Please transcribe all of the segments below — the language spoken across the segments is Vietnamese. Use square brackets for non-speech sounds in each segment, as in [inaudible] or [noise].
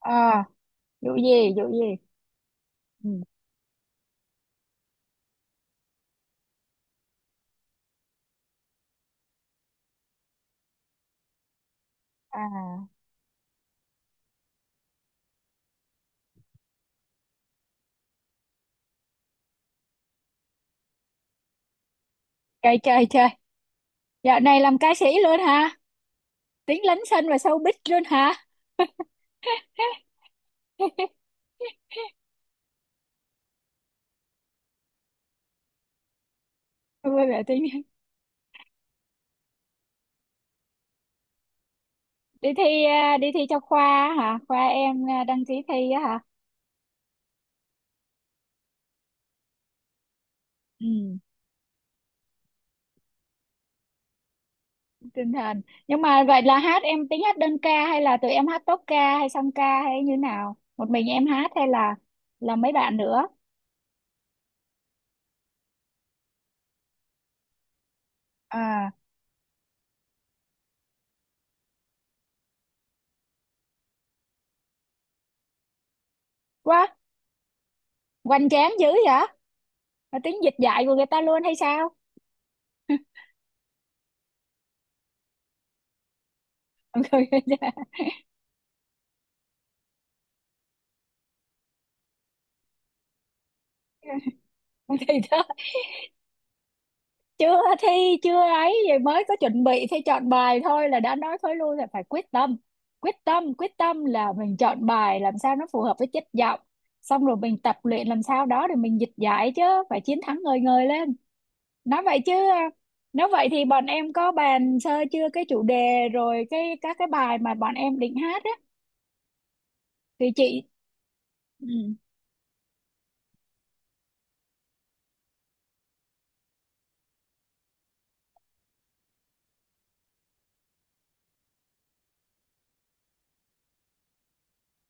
À, vụ gì vụ gì? Ừ. À, chơi chơi chơi. Dạo này làm ca sĩ luôn hả? Tiếng lấn sân và showbiz luôn hả? [laughs] Vui vẻ tính. Đi thi à? Đi thi cho khoa hả? Khoa em à, đăng ký thi á hả? Ừ, tinh thần. Nhưng mà vậy là hát, em tính hát đơn ca hay là tụi em hát tốp ca hay song ca hay như nào, một mình em hát hay là mấy bạn nữa? À, quá hoành tráng dữ vậy. Mà tính dịch dạy của người ta luôn hay sao? [laughs] [laughs] Thì đó, chưa thi, chưa ấy vậy mới có chuẩn bị thi chọn bài thôi là đã nói thôi luôn là phải quyết tâm quyết tâm. Quyết tâm là mình chọn bài làm sao nó phù hợp với chất giọng, xong rồi mình tập luyện làm sao đó để mình dịch giải chứ, phải chiến thắng ngời ngời lên. Nói vậy chứ à, nếu vậy thì bọn em có bàn sơ chưa cái chủ đề rồi cái các cái bài mà bọn em định hát á thì chị. Ừ,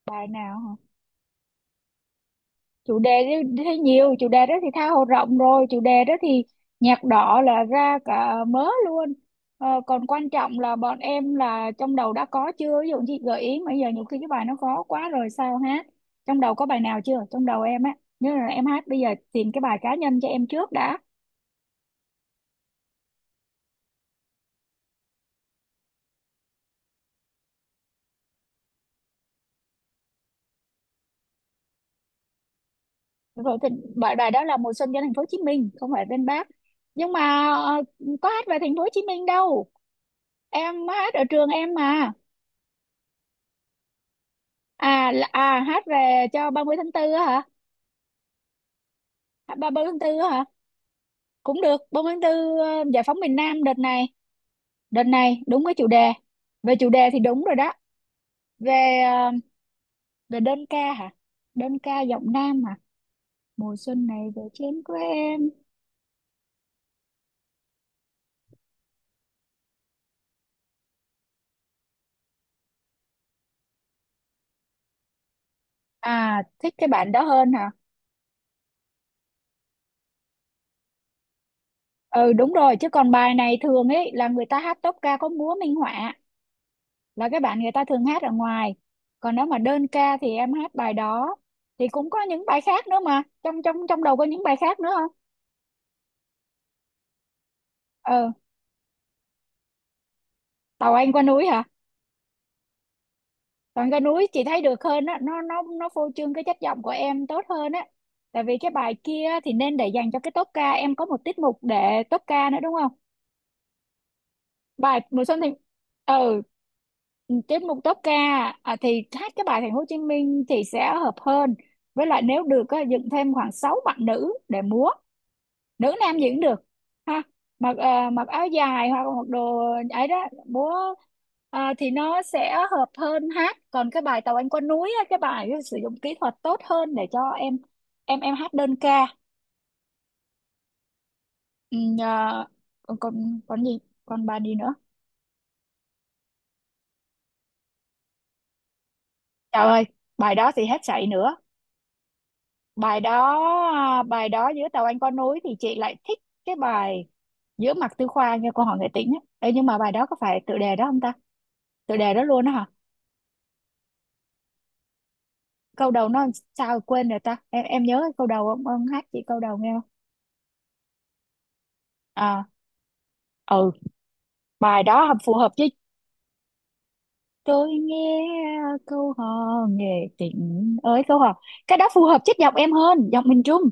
bài nào hả? Chủ đề thì thấy nhiều chủ đề đó thì tha hồ rộng rồi, chủ đề đó thì nhạc đỏ là ra cả mớ luôn. Còn quan trọng là bọn em là trong đầu đã có chưa, ví dụ chị gợi ý mà giờ nhiều khi cái bài nó khó quá rồi sao hát. Trong đầu có bài nào chưa? Trong đầu em á, nếu là em hát bây giờ tìm cái bài cá nhân cho em trước đã. Rồi thì bài bài đó là Mùa Xuân cho Thành Phố Hồ Chí Minh, không phải bên Bác. Nhưng mà có hát về thành phố Hồ Chí Minh đâu, em hát ở trường em mà. À là, à hát về cho 30 tháng 4 á hả. À, 30 tháng tư á hả? Cũng được, 30 tháng tư giải phóng miền Nam đợt này đúng cái chủ đề. Về chủ đề thì đúng rồi đó. Về về đơn ca hả? Đơn ca giọng nam hả? Mùa xuân này về chén của em. À, thích cái bản đó hơn hả? Ừ đúng rồi, chứ còn bài này thường ấy là người ta hát tốp ca có múa minh họa, là cái bản người ta thường hát ở ngoài. Còn nếu mà đơn ca thì em hát bài đó, thì cũng có những bài khác nữa mà. Trong trong trong đầu có những bài khác nữa không? Ừ, Tàu Anh qua núi hả? Còn cái núi chị thấy được hơn á, nó phô trương cái chất giọng của em tốt hơn á, tại vì cái bài kia thì nên để dành cho cái tốp ca, em có một tiết mục để tốp ca nữa đúng không? Bài mùa xuân thì, ừ, tiết mục tốp ca, à, thì hát cái bài Thành Phố Hồ Chí Minh thì sẽ hợp hơn. Với lại nếu được á, dựng thêm khoảng 6 bạn nữ để múa, nữ nam gì cũng được, ha. Mặc mặc áo dài hoặc mặc đồ ấy đó, bố, thì nó sẽ hợp hơn hát. Còn cái bài tàu anh qua núi á, cái bài ấy sử dụng kỹ thuật tốt hơn để cho em, em hát đơn ca. Ừ, còn còn còn gì, còn bài gì nữa? Trời ơi, bài đó thì hết sảy nữa. Bài đó, à, bài đó giữa tàu anh qua núi thì chị lại thích cái bài giữa mặt tư khoa nghe cô hỏi nghệ tĩnh á. Ê, nhưng mà bài đó có phải tựa đề đó không ta? Tựa đề đó luôn á hả? Câu đầu nó làm sao rồi quên rồi ta, em nhớ câu đầu không, ông hát chị câu đầu nghe không? À, ừ, bài đó phù hợp với, tôi nghe câu hò nghệ tình ơi câu hò. Cái đó phù hợp chất giọng em hơn, giọng miền Trung,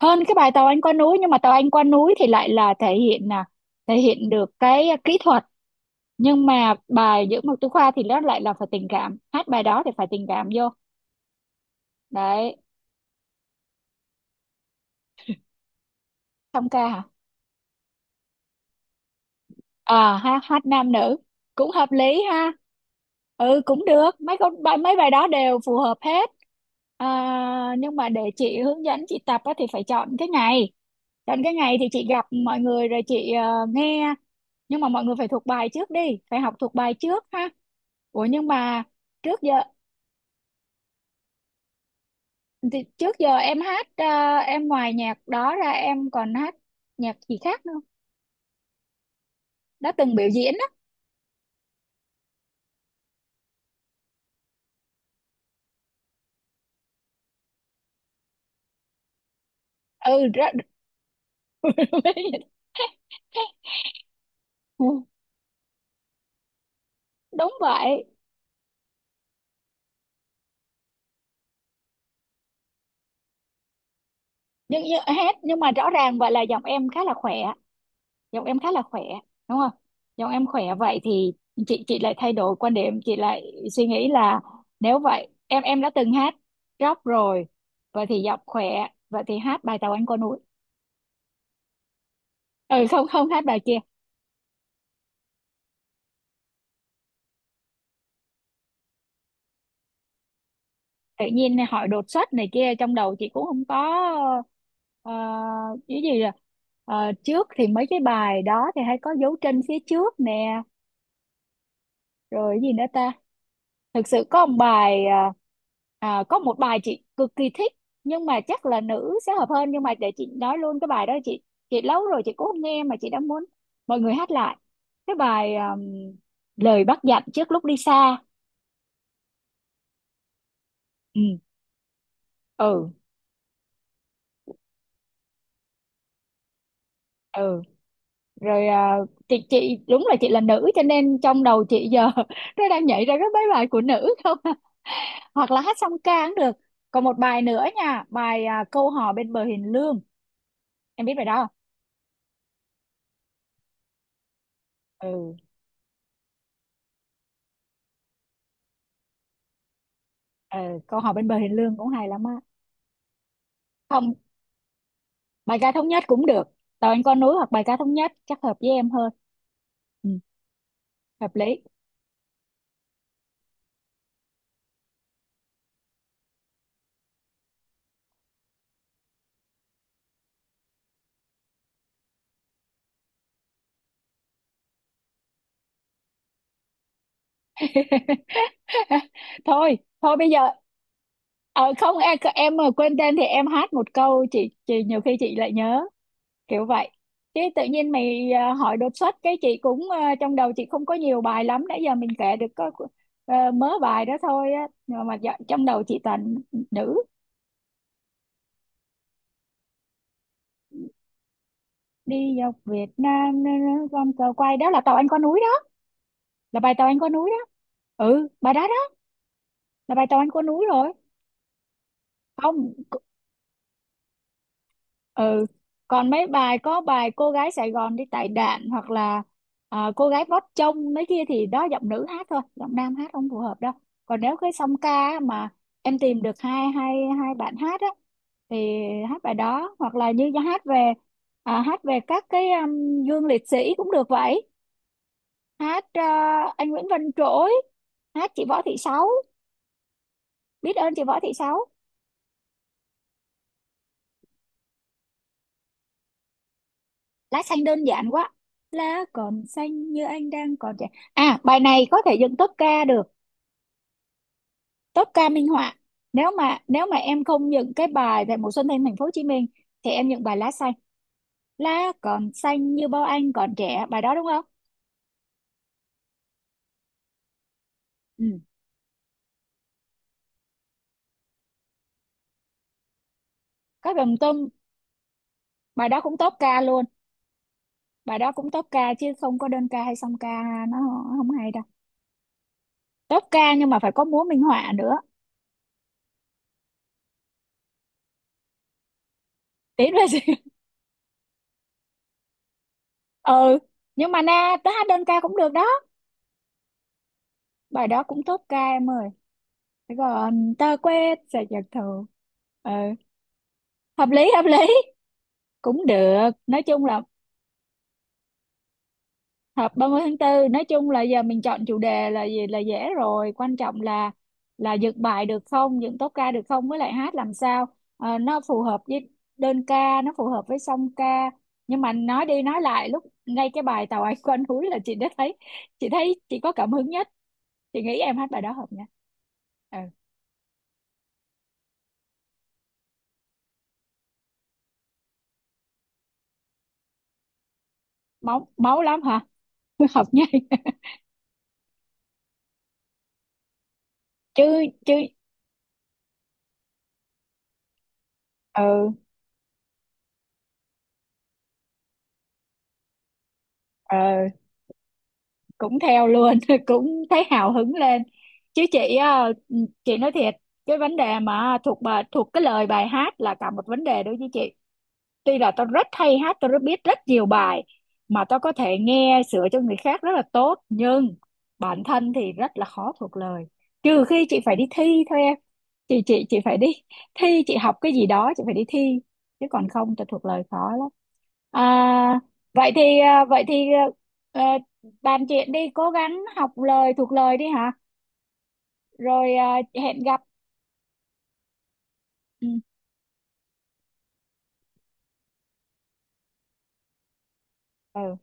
hơn cái bài tàu anh qua núi. Nhưng mà tàu anh qua núi thì lại là thể hiện được cái kỹ thuật. Nhưng mà bài giữa một tú khoa thì nó lại là phải tình cảm, hát bài đó thì phải tình cảm vô, đấy. Xong ca hả? À ha, hát nam nữ cũng hợp lý ha. Ừ, cũng được, mấy con bài mấy bài đó đều phù hợp hết. À, nhưng mà để chị hướng dẫn chị tập á, thì phải chọn cái ngày. Chọn cái ngày thì chị gặp mọi người rồi chị nghe. Nhưng mà mọi người phải thuộc bài trước đi, phải học thuộc bài trước ha. Ủa nhưng mà trước giờ, thì trước giờ em hát em ngoài nhạc đó ra em còn hát nhạc gì khác nữa không? Đã từng biểu diễn á. Ừ ra, [laughs] đúng vậy. Nhưng hết nhưng mà rõ ràng vậy là giọng em khá là khỏe. Giọng em khá là khỏe đúng không? Giọng em khỏe vậy thì chị lại thay đổi quan điểm, chị lại suy nghĩ là nếu vậy em đã từng hát rock rồi, vậy thì giọng khỏe vậy thì hát bài Tàu Anh Qua Núi. Ừ, không không hát bài kia. Tự nhiên hỏi đột xuất này kia trong đầu chị cũng không có ờ, cái gì là. Trước thì mấy cái bài đó thì hay có Dấu Chân Phía Trước nè, rồi cái gì nữa ta? Thực sự có một bài à, à, có một bài chị cực kỳ thích, nhưng mà chắc là nữ sẽ hợp hơn, nhưng mà để chị nói luôn cái bài đó. Chị lâu rồi chị cũng không nghe mà chị đã muốn mọi người hát lại cái bài, à, Lời Bác Dặn Trước Lúc Đi Xa. Ừ, ừ, ừ, rồi, à, chị đúng là chị là nữ cho nên trong đầu chị giờ [laughs] nó đang nhảy ra cái mấy bài của nữ không à. Hoặc là hát song ca cũng được. Còn một bài nữa nha, bài à, Câu Hò Bên Bờ Hiền Lương. Em biết bài đó không? Ừ. Ờ, Câu Hỏi Bên Bờ Hiền Lương cũng hay lắm á. Không, bài ca thống nhất cũng được. Tàu anh con núi hoặc Bài Ca Thống Nhất chắc hợp với em hơn. Ừ, hợp lý. [laughs] Thôi thôi bây giờ, ờ, không em mà quên tên thì em hát một câu chị nhiều khi chị lại nhớ kiểu vậy. Chứ tự nhiên mày hỏi đột xuất, cái chị cũng trong đầu chị không có nhiều bài lắm, nãy giờ mình kể được có mớ bài đó thôi á, nhưng mà trong đầu chị toàn nữ. Đi dọc Việt Nam nơ, con cờ quay đó là tàu anh qua núi đó, là bài tàu anh qua núi đó. Ừ, bài đó đó, là bài tàu anh qua núi rồi. Không c- ừ, còn mấy bài có bài Cô Gái Sài Gòn Đi Tải Đạn hoặc là à, Cô Gái Vót Trông mấy kia, thì đó giọng nữ hát thôi, giọng nam hát không phù hợp đâu. Còn nếu cái song ca á, mà em tìm được hai hai hai bạn hát á, thì hát bài đó hoặc là như hát về, à, hát về các cái gương liệt sĩ cũng được vậy. Hát anh Nguyễn Văn Trỗi, hát chị Võ Thị Sáu, Biết Ơn Chị Võ Thị Sáu. Lá Xanh đơn giản quá. Lá còn xanh như anh đang còn trẻ, à bài này có thể dựng tốp ca được, tốp ca minh họa. Nếu mà em không dựng cái bài về Mùa Xuân Thanh Thành Phố Hồ Chí Minh thì em dựng bài Lá Xanh. Lá còn xanh như bao anh còn trẻ, bài đó đúng không? Ừ, các đồng tâm, bài đó cũng tốp ca luôn, bài đó cũng tốp ca chứ không có đơn ca hay song ca, nó không hay đâu. Tốp ca nhưng mà phải có múa minh họa nữa. Tiến về. Ừ, nhưng mà na tớ hát đơn ca cũng được đó. Bài đó cũng top ca em ơi. Thế còn ta quét sẽ giật thù. Ừ, hợp lý hợp lý, cũng được nói chung là họp 30 tháng 4. Nói chung là giờ mình chọn chủ đề là gì là dễ rồi, quan trọng là dựng bài được không, dựng tốp ca được không, với lại hát làm sao. Ờ, nó phù hợp với đơn ca, nó phù hợp với song ca. Nhưng mà nói đi nói lại lúc ngay cái bài Tàu Anh Quanh Núi là chị đã thấy, chị thấy chị có cảm hứng nhất, chị nghĩ em hát bài đó hợp nha. Ừ. Máu máu lắm hả? [laughs] Hợp nhai. Chứ chứ, ừ, ừ, cũng theo luôn. [laughs] Cũng thấy hào hứng lên. Chứ chị chị nói thiệt, cái vấn đề mà thuộc bài thuộc cái lời bài hát là cả một vấn đề đối với chị, tuy là tôi rất hay hát, tôi rất biết rất nhiều bài, mà tôi có thể nghe sửa cho người khác rất là tốt, nhưng bản thân thì rất là khó thuộc lời, trừ khi chị phải đi thi thôi em. Chị phải đi thi, chị học cái gì đó chị phải đi thi, chứ còn không tôi thuộc lời khó lắm. À, vậy thì à, vậy thì à, à, bàn chuyện đi, cố gắng học lời thuộc lời đi hả. Rồi à, hẹn gặp. Ừ. Ừ.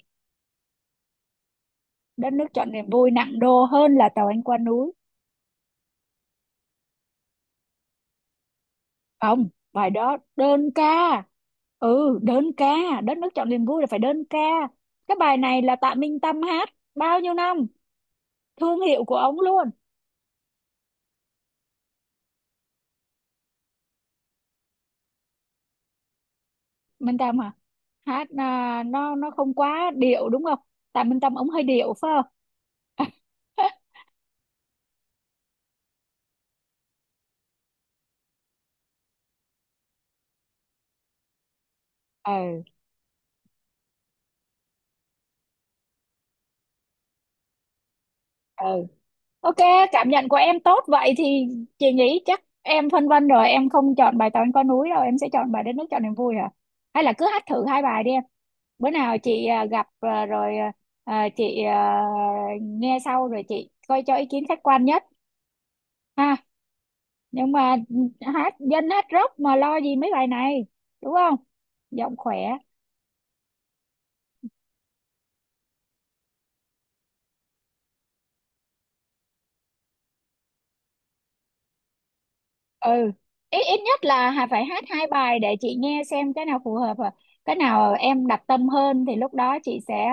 Đất Nước Chọn Niềm Vui nặng đô hơn là tàu anh qua núi. Không, bài đó đơn ca. Ừ đơn ca, Đất Nước Chọn Niềm Vui là phải đơn ca. Cái bài này là Tạ Minh Tâm hát bao nhiêu năm, thương hiệu của ông luôn. Minh Tâm hả, hát à, nó không quá điệu đúng không? Tạ Minh Tâm ông hơi điệu phải không? [laughs] Ừ, ừ, Ok, cảm nhận của em tốt vậy thì chị nghĩ chắc em phân vân rồi, em không chọn bài Tàu Anh Có Núi đâu, em sẽ chọn bài Đất Nước Cho Niềm Vui hả? Hay là cứ hát thử hai bài đi em. Bữa nào chị à, gặp à, rồi à, à, chị à, nghe sau rồi chị coi cho ý kiến khách quan nhất ha. Nhưng mà hát dân hát rock mà lo gì mấy bài này, đúng không? Giọng khỏe. Ừ, ít ít nhất là phải hát hai bài để chị nghe xem cái nào phù hợp à. Cái nào em đặt tâm hơn thì lúc đó chị sẽ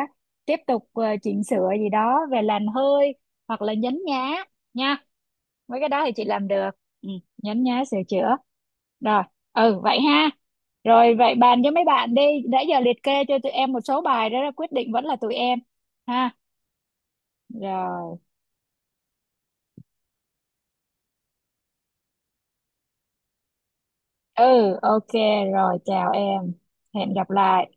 tiếp tục chỉnh sửa gì đó về làn hơi hoặc là nhấn nhá nha. Mấy cái đó thì chị làm được. Ừ, nhấn nhá sửa chữa. Rồi. Ừ vậy ha. Rồi vậy bàn cho mấy bạn đi đã, giờ liệt kê cho tụi em một số bài, đó là quyết định vẫn là tụi em, ha. Rồi. Ừ, ok, rồi chào em, hẹn gặp lại.